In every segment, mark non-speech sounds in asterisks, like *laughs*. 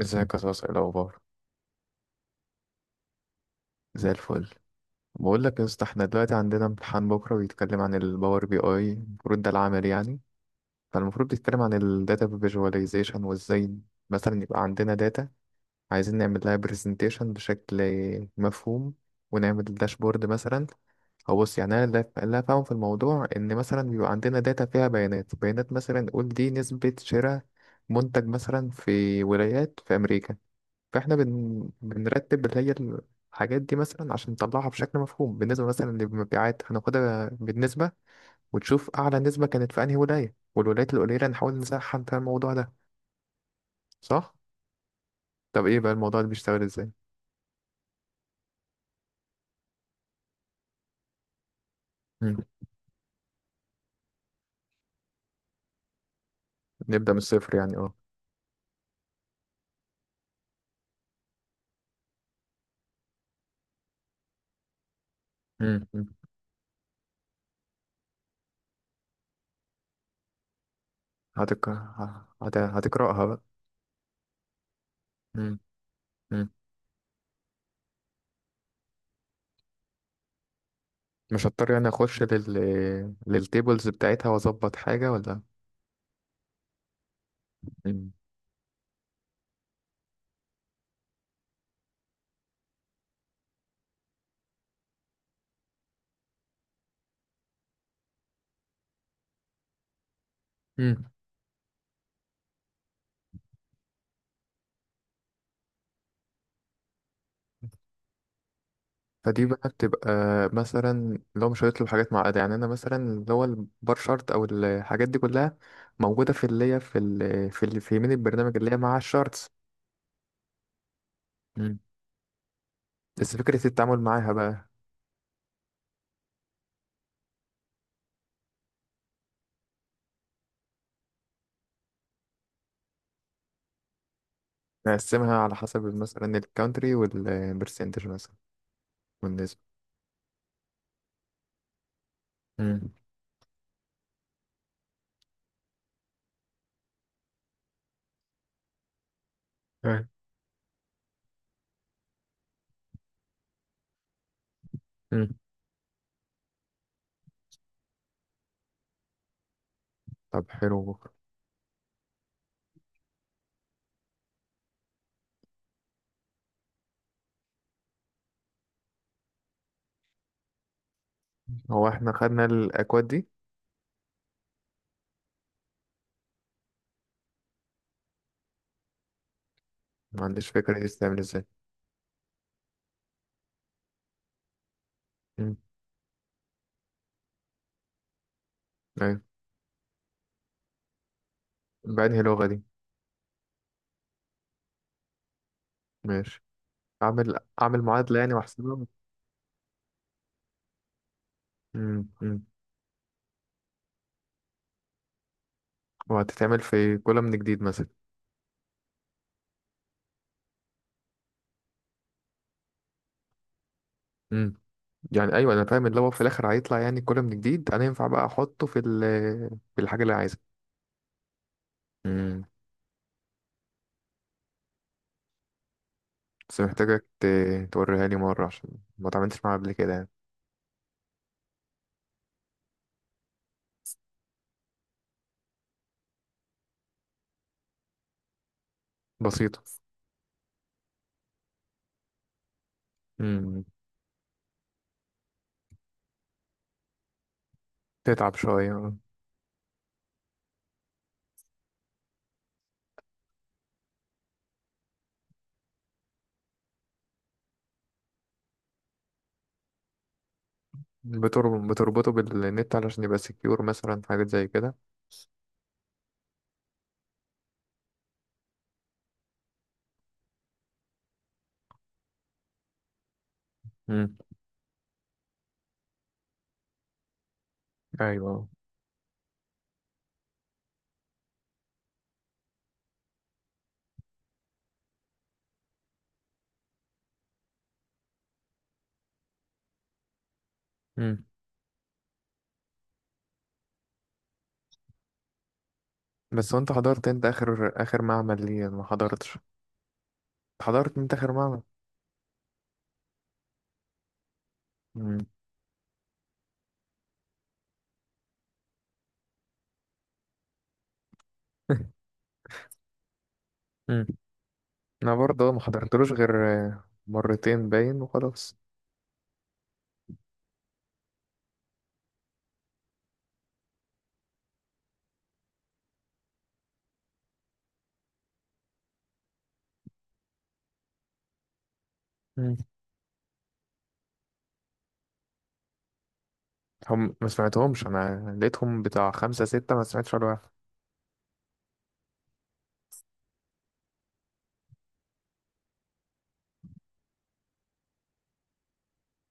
ازيك يا صاصة، ايه الاخبار؟ زي الفل. بقول لك يا اسطى احنا دلوقتي عندنا امتحان بكره بيتكلم عن الباور بي اي، المفروض ده العمل يعني. فالمفروض بيتكلم عن الداتا فيجواليزيشن وازاي مثلا يبقى عندنا داتا، عايزين نعمل لها برزنتيشن بشكل مفهوم، ونعمل داشبورد مثلا. او بص، يعني انا اللي فاهم في الموضوع ان مثلا بيبقى عندنا داتا فيها بيانات بيانات، مثلا نقول دي نسبة شراء منتج مثلا في ولايات في امريكا. فاحنا بنرتب اللي هي الحاجات دي، مثلا عشان نطلعها بشكل مفهوم بالنسبة مثلا للمبيعات، هناخدها بالنسبة وتشوف أعلى نسبة كانت في أنهي ولاية، والولايات القليلة نحاول نسحب فيها الموضوع ده. صح؟ طب إيه بقى الموضوع ده بيشتغل إزاي؟ مم. نبدأ من الصفر يعني أه. مم. مم. هتقرأها بقى. مم. مم. مش هضطر يعني أخش للتيبلز بتاعتها وأظبط حاجة ولا؟ مم. مم. فدي بقى بتبقى مثلا لو مش هيطلب حاجات معقدة، يعني أنا مثلا اللي هو البار شارت أو الحاجات دي كلها موجودة في اللي هي في يمين البرنامج، اللي هي مع الشارتس. مم. بس فكرة التعامل معاها بقى، نقسمها على حسب مثلا الكونتري والبرسنتج مثلا، والنسبة. امم. تمام. امم. طب حلو. هو احنا خدنا الأكواد دي؟ ما عنديش فكرة دي بتتعمل ازاي. أمم. أيوة. بأنهي لغة دي؟ ماشي. أعمل معادلة يعني وأحسبها. مم. مم. وهتتعمل في كولا من جديد مثلا؟ امم. يعني ايوه انا فاهم، اللي هو في الاخر هيطلع يعني كولا من جديد، انا ينفع بقى احطه في ال في الحاجه اللي عايزها. امم. بس محتاجك توريها لي مره، عشان ما اتعاملتش معاها قبل كده يعني. بسيطه. امم. تتعب شويه آه. بتربطه بالنت علشان يبقى سكيور مثلا، حاجات زي كده. امم. ايوه. امم. بس وانت حضرت، انت اخر اخر معمل ليه؟ أنا ما حضرتش. حضرت انت اخر معمل. امم. *laughs* انا برضه ما حضرتلوش غير مرتين باين وخلاص. مم. هم ما سمعتهمش، انا لقيتهم بتاع خمسة ستة، ما سمعتش ولا واحد.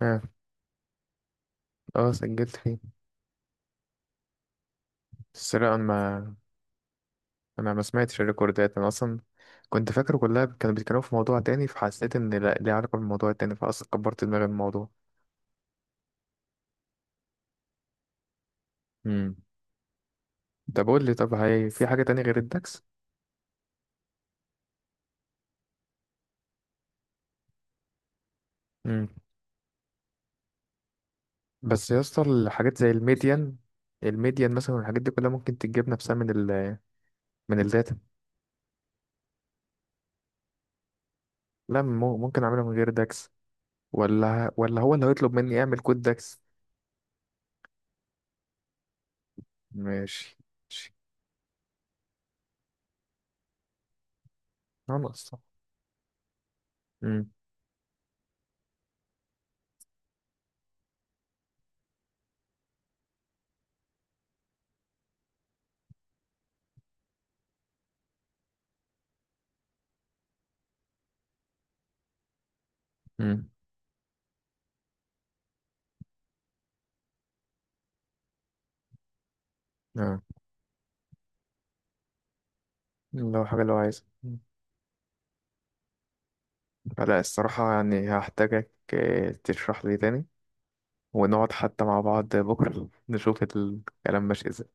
اه. اه سجلت فيه. بس لا انا ما سمعتش الريكوردات انا اصلا. كنت فاكر كلها كانوا بيتكلموا في موضوع تاني، فحسيت ان لا ليه علاقة بالموضوع التاني، فاصلا كبرت دماغي من الموضوع. امم. طب قول لي، طب هي في حاجة تانية غير الدكس؟ امم. بس يا اسطى الحاجات زي الميديان، الميديان مثلا والحاجات دي كلها ممكن تتجاب نفسها من ال من الداتا. لا ممكن اعمله من غير داكس، ولا هو اللي هيطلب مني اعمل كود داكس. ماشي. ماشي. خلاص. امم. امم. اه. لو حاجه لو عايز. لا الصراحه يعني هحتاجك تشرح لي تاني، ونقعد حتى مع بعض بكره *laughs* نشوف الكلام ماشي ازاي.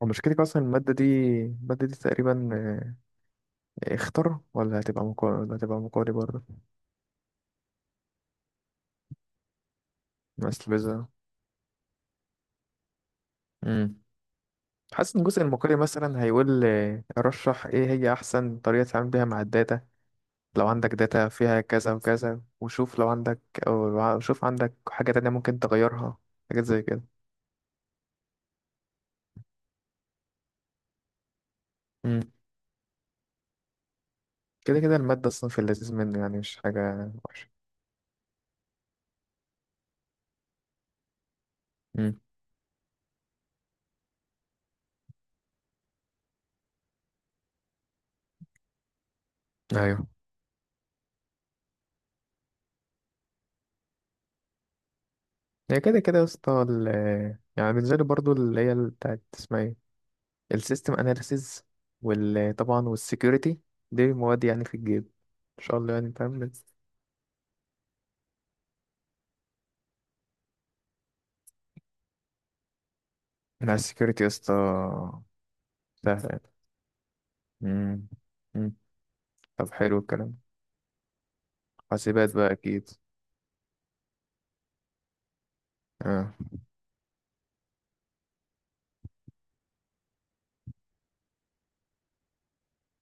ومشكلتك اصلا الماده دي، الماده دي تقريبا اختر ولا هتبقى مقالي، ولا هتبقى مقالي برضه؟ بس بزا امم. حاسس ان الجزء المقالي مثلا هيقول رشح ايه هي احسن طريقه تتعامل بيها مع الداتا، لو عندك داتا فيها كذا وكذا، وشوف لو عندك. أو شوف عندك حاجة تانية ممكن تغيرها، حاجات زي كده. امم. كده كده المادة أصلا في اللذيذ منه، يعني مش حاجة وحشة. امم. ايوه. هي كده كده يا اسطى يعني بنزل برضو اللي هي بتاعت اسمها ايه، السيستم اناليسيز، وطبعا والسكيورتي، دي مواد يعني في الجيب ان شاء الله، يعني فاهم. مع السكيورتي يا اسطى سهل يعني. امم. امم. طب حلو الكلام. حاسبات بقى اكيد. اه.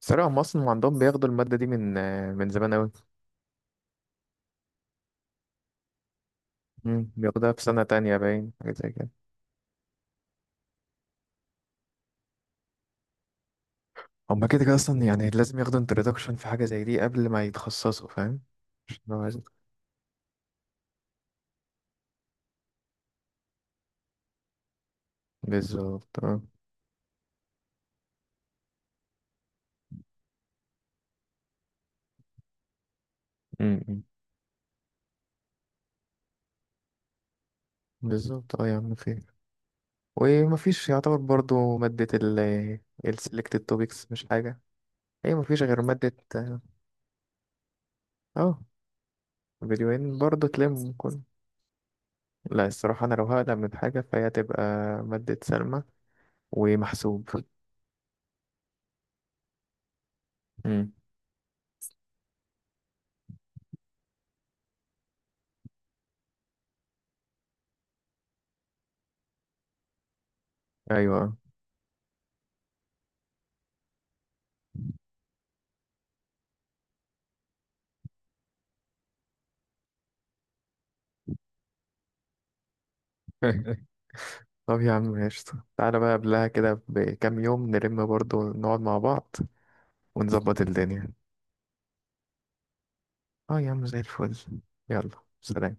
صراحة هم أصلا عندهم بياخدوا المادة دي من زمان أوي. مم، بياخدوها في سنة تانية باين، حاجة زي كده. هما كده كده أصلا يعني لازم ياخدوا introduction في حاجة زي دي قبل ما يتخصصوا، فاهم؟ عشان لو عايز- بالظبط اه. مم، مم. بالظبط اه يا عم خير. ومفيش يعتبر برضو مادة ال selected topics، مش حاجة. هي مفيش غير مادة. اه. فيديوهين برضو تلم كل. لا الصراحة أنا لو هقلق من حاجة فهي تبقى مادة سلمى، ومحسوب. مم. أيوة. *laughs* طب يا عم قشطة، تعالى بقى قبلها كده بكام يوم نلم برضو، نقعد مع بعض ونظبط الدنيا. اه يا عم زي الفل. يلا. سلام.